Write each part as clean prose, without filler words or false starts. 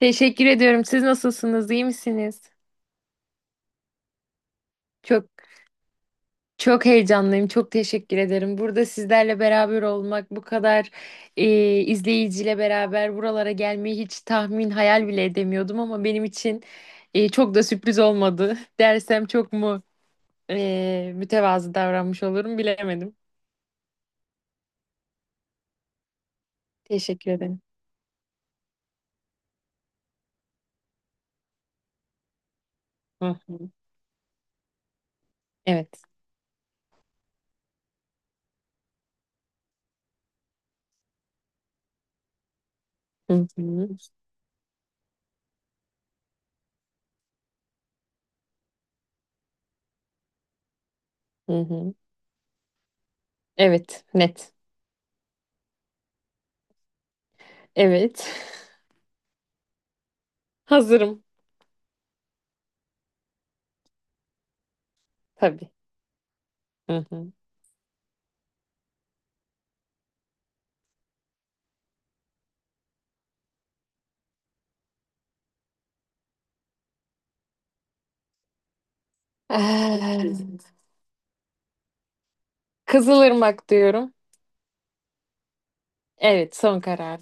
Teşekkür ediyorum. Siz nasılsınız? İyi misiniz? Çok çok heyecanlıyım. Çok teşekkür ederim. Burada sizlerle beraber olmak, bu kadar izleyiciyle beraber buralara gelmeyi hiç tahmin, hayal bile edemiyordum ama benim için çok da sürpriz olmadı. Dersem çok mu mütevazı davranmış olurum bilemedim. Teşekkür ederim. Hı hı. Evet. Hı hı. Hı hı. Evet, net. Evet. Hazırım tabii. Hı hı. Ah. Kızılırmak diyorum. Evet, son karar.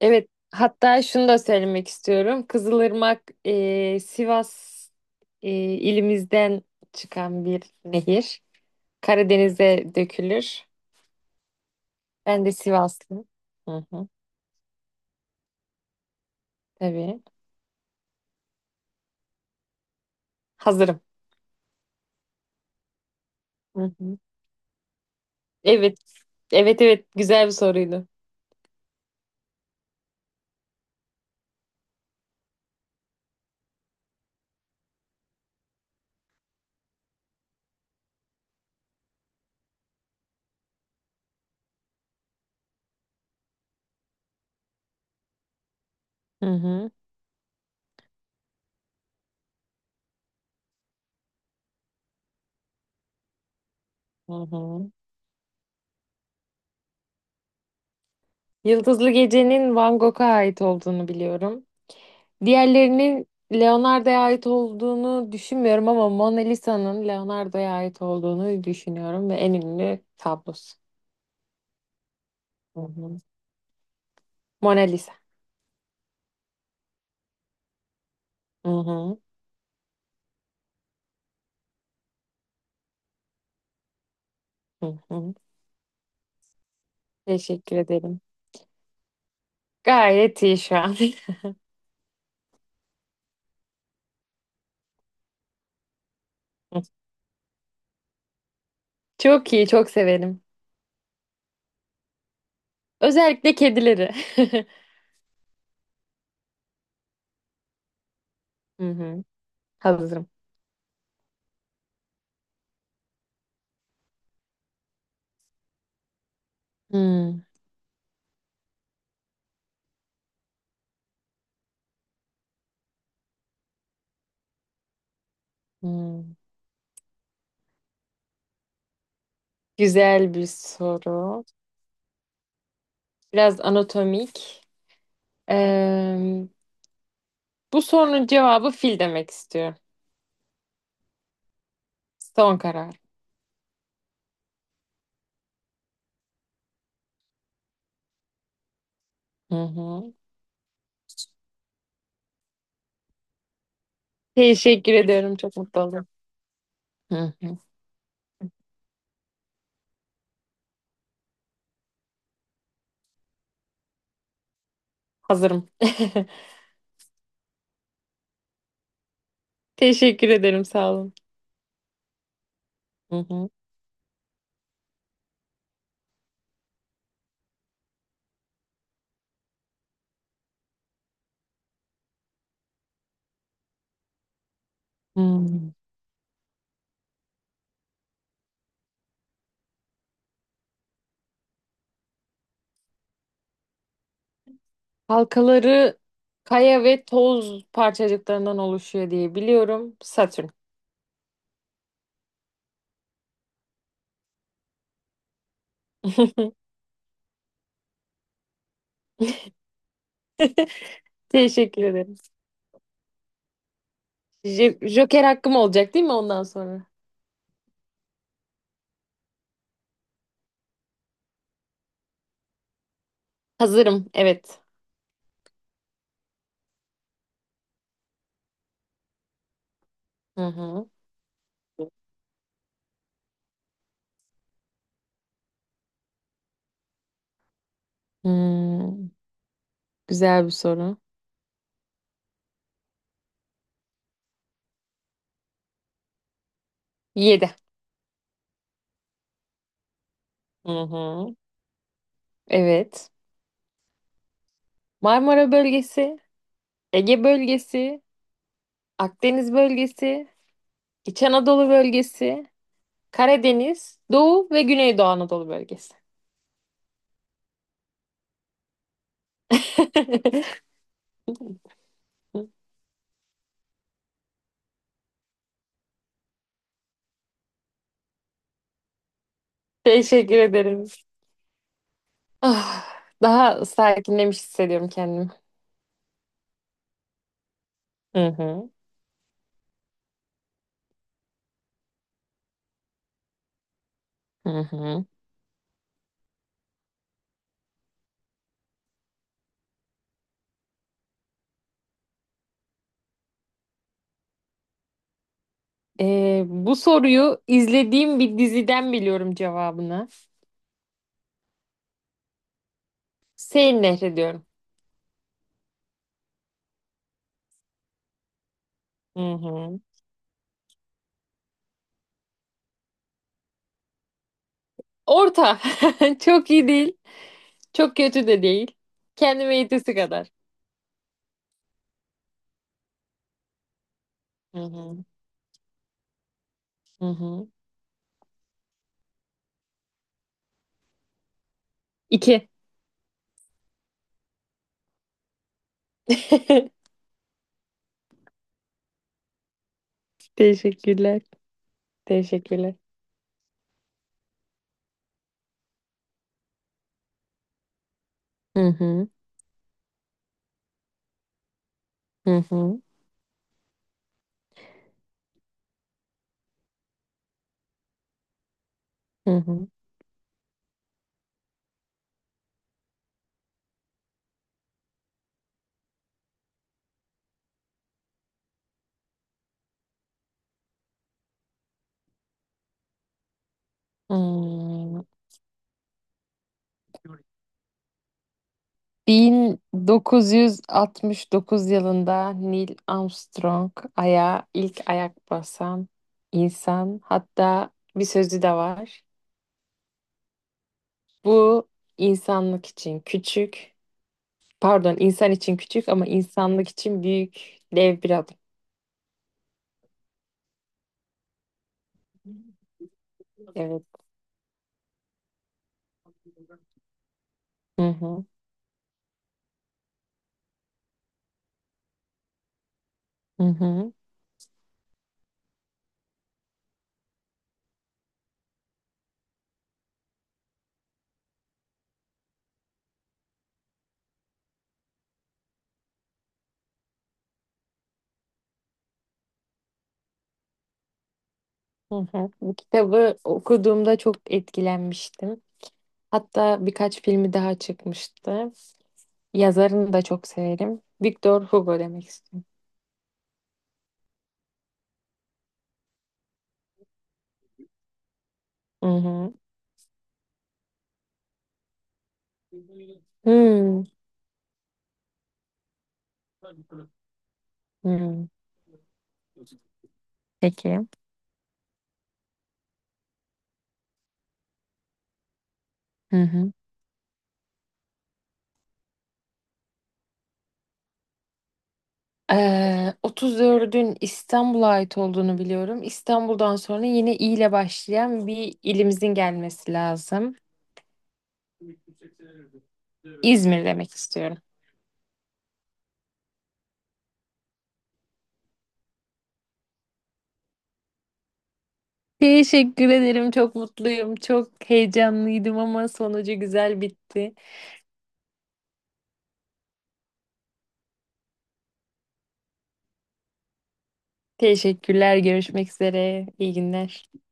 Evet, hatta şunu da söylemek istiyorum. Kızılırmak Sivas ilimizden çıkan bir nehir. Karadeniz'e dökülür. Ben de Sivaslı. Hı hı, tabii. Hazırım. Hı hı. Evet, evet, evet. Güzel bir soruydu. Hı hı, hı hı. Yıldızlı Gece'nin Van Gogh'a ait olduğunu biliyorum. Diğerlerinin Leonardo'ya ait olduğunu düşünmüyorum ama Mona Lisa'nın Leonardo'ya ait olduğunu düşünüyorum ve en ünlü tablosu. Hı hı. Mona Lisa. Hı hı. Hı hı. Teşekkür ederim. Gayet iyi şu an. Çok iyi, çok severim. Özellikle kedileri. Hı hı. Hazırım. Hı hı. Güzel bir soru. Biraz anatomik. Eee, bu sorunun cevabı fil demek istiyorum. Son karar. Hı hı. Teşekkür ediyorum. Çok mutlu oldum. Hı hı. Hazırım. Teşekkür ederim. Sağ olun. Hı hı. Hmm. Halkaları kaya ve toz parçacıklarından oluşuyor diye biliyorum. Satürn. Teşekkür ederim. Joker hakkım olacak değil mi ondan sonra? Hazırım. Evet. Hı hı. Hmm, güzel bir soru. Yedi. Hı hı. Evet. Marmara bölgesi, Ege bölgesi, Akdeniz bölgesi, İç Anadolu bölgesi, Karadeniz, Doğu ve Güneydoğu Anadolu bölgesi. Hı. Teşekkür ederim. Ah, daha sakinlemiş hissediyorum kendimi. Hı hı. Hı hı. Bu soruyu izlediğim bir diziden biliyorum cevabını. Seyir Nehri diyorum. Hı hı. Orta. Çok iyi değil. Çok kötü de değil. Kendime yetesi kadar. Hı hı. Hı hı. İki. Teşekkürler. Teşekkürler. Hı hı. Hı hı. Hı hı. Hmm. 1969 yılında Neil Armstrong aya ilk ayak basan insan. Hatta bir sözü de var. Bu insanlık için küçük, pardon insan için küçük ama insanlık için büyük dev bir adım. Evet. Hı hı. Hı hı. Hı hı. Bu kitabı okuduğumda çok etkilenmiştim. Hatta birkaç filmi daha çıkmıştı. Yazarını da çok severim. Victor Hugo demek istiyorum. Hı hı. Hmm, hmm. Peki. Hı hı. 34'ün İstanbul'a ait olduğunu biliyorum. İstanbul'dan sonra yine İ ile başlayan bir ilimizin gelmesi lazım. İzmir demek istiyorum. Teşekkür ederim. Çok mutluyum. Çok heyecanlıydım ama sonucu güzel bitti. Teşekkürler. Görüşmek üzere. İyi günler.